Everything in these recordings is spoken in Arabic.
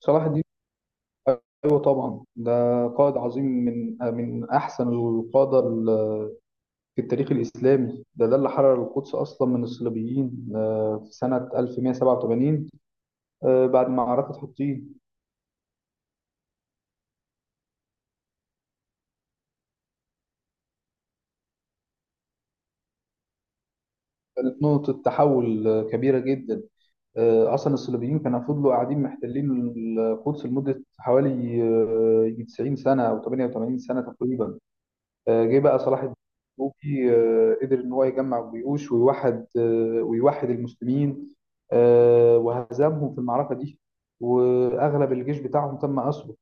صلاح الدين، ايوه طبعا. ده قائد عظيم من احسن القاده، في التاريخ الاسلامي. ده اللي حرر القدس اصلا من الصليبيين، في سنه 1187، بعد معركه حطين. كانت نقطه تحول كبيره جدا. اصلا الصليبيين كانوا فضلوا قاعدين محتلين القدس لمده حوالي 90 سنه او 88 سنه تقريبا. جه بقى صلاح الدين الايوبي. قدر ان هو يجمع الجيوش، ويوحد المسلمين. وهزمهم في المعركه دي، واغلب الجيش بتاعهم تم اسره.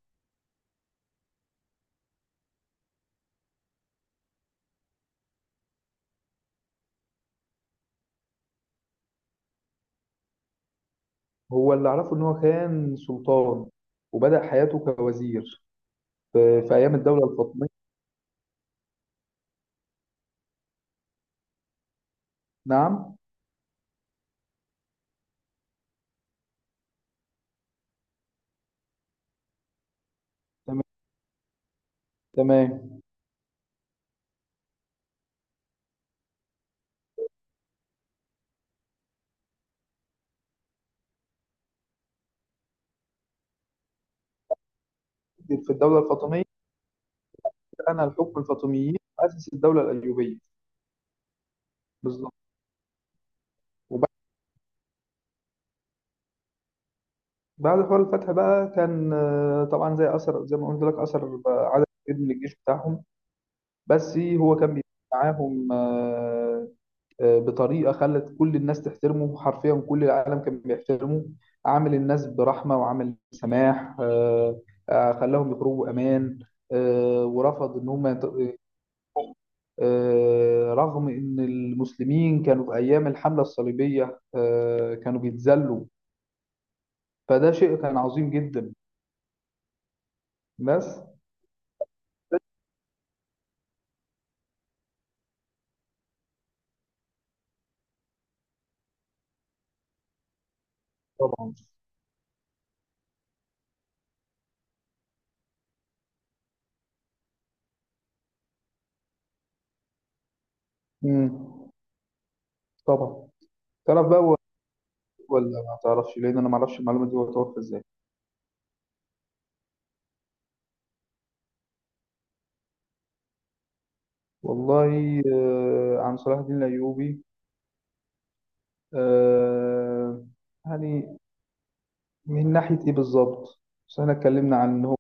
هو اللي اعرفه ان هو كان سلطان، وبدأ حياته كوزير في ايام الدوله الفاطميه. نعم. تمام، تمام. في الدوله الفاطميه، انا الحكم الفاطميين اسس الدوله الايوبيه. بالظبط. وبعد حوار الفتح بقى، كان طبعا، زي اثر، زي ما قلت لك، اثر عدد كبير من الجيش بتاعهم. بس هو كان بيتعامل معاهم بطريقة خلت كل الناس تحترمه. حرفيا كل العالم كان بيحترمه. عامل الناس برحمة، وعامل سماح. خلاهم يخرجوا أمان. ورفض إن هم رغم إن المسلمين كانوا في أيام الحملة الصليبية كانوا بيتذلوا. فده شيء كان عظيم جدا. بس. طبعا. مم. طبعا. تعرف بقى ولا ما تعرفش؟ لأن أنا ما أعرفش المعلومة دي، هو توفى إزاي؟ والله عن صلاح الدين الأيوبي، آه، يعني من ناحية إيه بالظبط؟ بس إحنا اتكلمنا عن إن هو.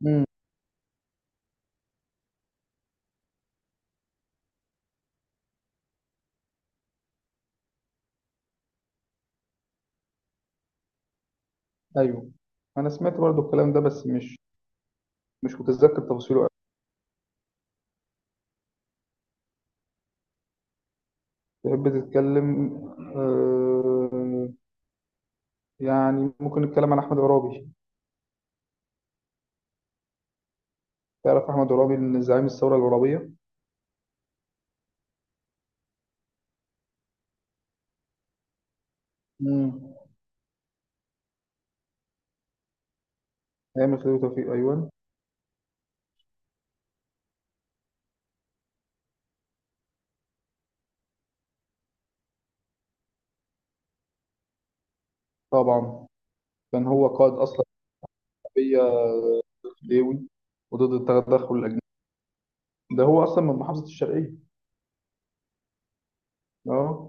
مم. أيوه، أنا سمعت برضو الكلام ده، بس مش متذكر تفاصيله أوي. تحب تتكلم؟ آه، يعني ممكن نتكلم عن أحمد عرابي. تعرف أحمد عرابي إن زعيم الثورة العرابية. مم. أيام خليل توفيق، أيوه طبعا. كان هو قائد أصلا شعبية ليوي، وضد التدخل الأجنبي. ده هو أصلا من محافظة الشرقية. أه،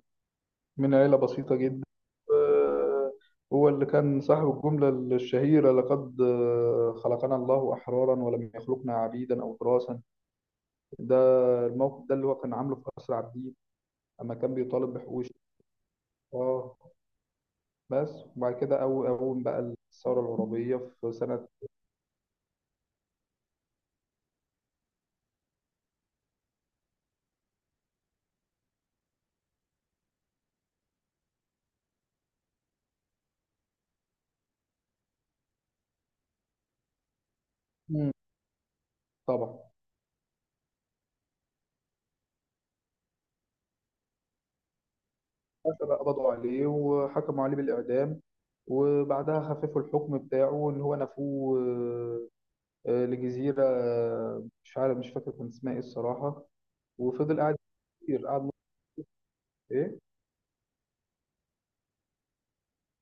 من عيلة بسيطة جدا. آه، هو اللي كان صاحب الجملة الشهيرة: لقد خلقنا الله أحرارا، ولم يخلقنا عبيدا أو تراثا. ده الموقف ده اللي هو كان عامله في قصر عابدين، أما كان بيطالب بحقوق. اه. بس. وبعد كده، أو أول بقى الثورة العربية في سنة. مم. طبعا. حتى بقى قبضوا عليه وحكموا عليه بالإعدام، وبعدها خففوا الحكم بتاعه إن هو نفوه لجزيرة، مش عارف، مش فاكر كان اسمها إيه الصراحة. وفضل قاعد كتير، قعد مدة. ايه.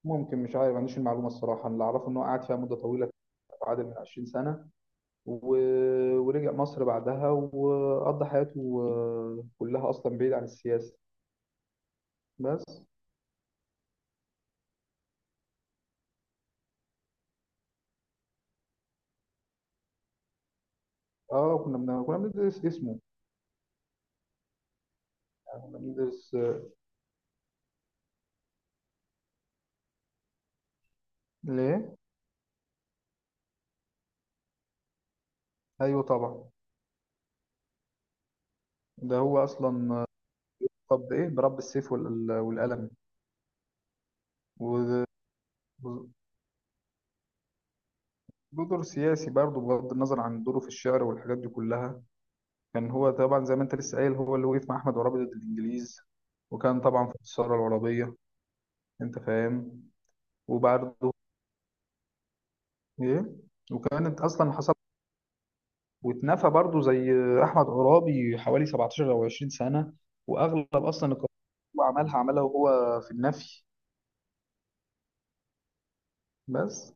ممكن، مش عارف، ما عنديش المعلومه الصراحه. اللي اعرفه ان هو قعد فيها مده طويله. عادل من 20 سنه. و... ورجع مصر بعدها، وقضى حياته كلها اصلا بعيد عن السياسه. بس. اه، كنا بندرس اسمه. يعني كنا بندرس ليه. ايوه طبعا. ده هو اصلا طب ايه، والقلم. وده- وده دور سياسي برضه، بغض النظر عن دوره في الشعر والحاجات دي كلها. كان هو طبعا، زي ما انت لسه قايل، هو اللي وقف مع احمد عرابي ضد الانجليز، وكان طبعا في الثوره العربيه. انت فاهم؟ وبرده. ايه. وكان انت اصلا حصل، واتنفى برضه زي احمد عرابي حوالي 17 او 20 سنه. واغلب اصلا القرارات اللي هو عملها، عملها وهو في النفي. بس.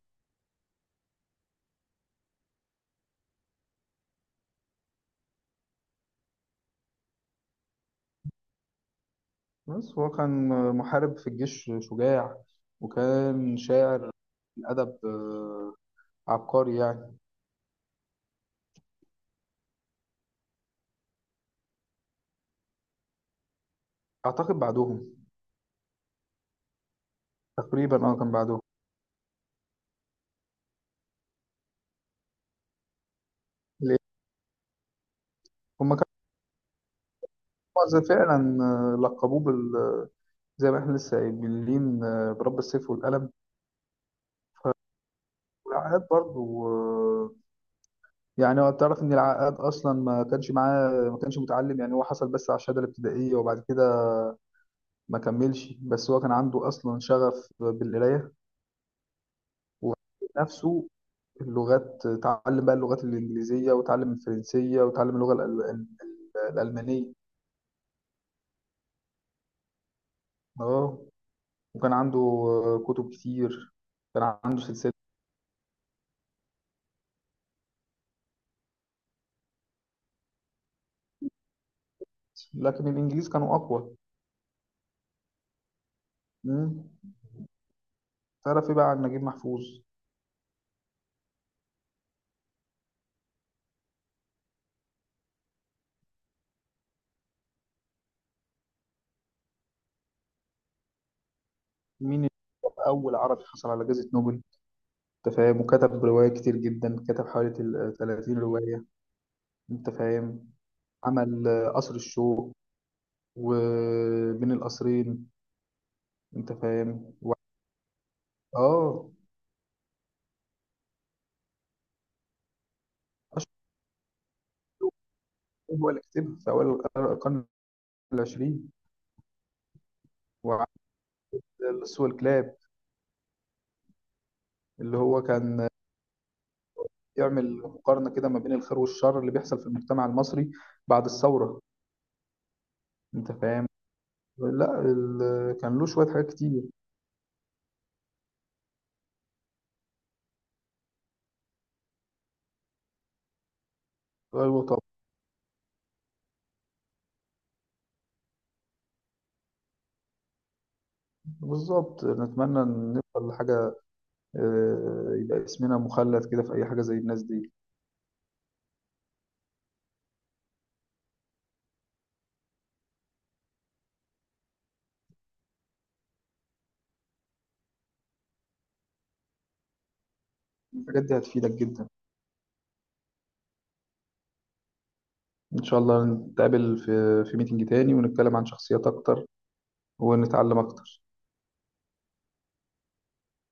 بس هو كان محارب في الجيش شجاع، وكان شاعر الادب عبقري يعني. اعتقد بعدهم. تقريبا اه، كان بعدهم. ليه؟ هما. هو فعلا لقبوه بال آه، زي ما احنا لسه قايلين، برب السيف والقلم. والعقاد برضو يعني هو، تعرف ان العقاد اصلا ما كانش معاه، ما كانش متعلم، يعني هو حصل بس على الشهاده الابتدائيه، وبعد كده ما كملش. بس هو كان عنده اصلا شغف بالقرايه، ونفسه اللغات. اتعلم بقى اللغات الانجليزيه، وتعلم الفرنسيه، وتعلم الالمانيه. اه. وكان عنده كتب كتير. كان عنده سلسله. لكن الانجليز كانوا اقوى. مم. تعرف ايه بقى عن نجيب محفوظ؟ مين اللي هو اول عربي حصل على جائزة نوبل. انت فاهم؟ وكتب رواية كتير جدا، كتب حوالي 30 رواية. انت فاهم؟ عمل قصر الشوق، وبين القصرين. انت فاهم؟ اه. اشهر كتاب هو اللي كتبها في اول القرن العشرين. وعمل اللص والكلاب، اللي هو كان يعمل مقارنة كده ما بين الخير والشر اللي بيحصل في المجتمع المصري بعد الثورة. انت فاهم؟ لا، كان له شوية حاجات كتير. ايوه طبعا. بالظبط، نتمنى ان نوصل لحاجه يبقى اسمنا مخلد كده في اي حاجه زي الناس دي. الحاجات دي هتفيدك جدا. ان شاء الله نتقابل في ميتنج تاني، ونتكلم عن شخصيات اكتر، ونتعلم اكتر.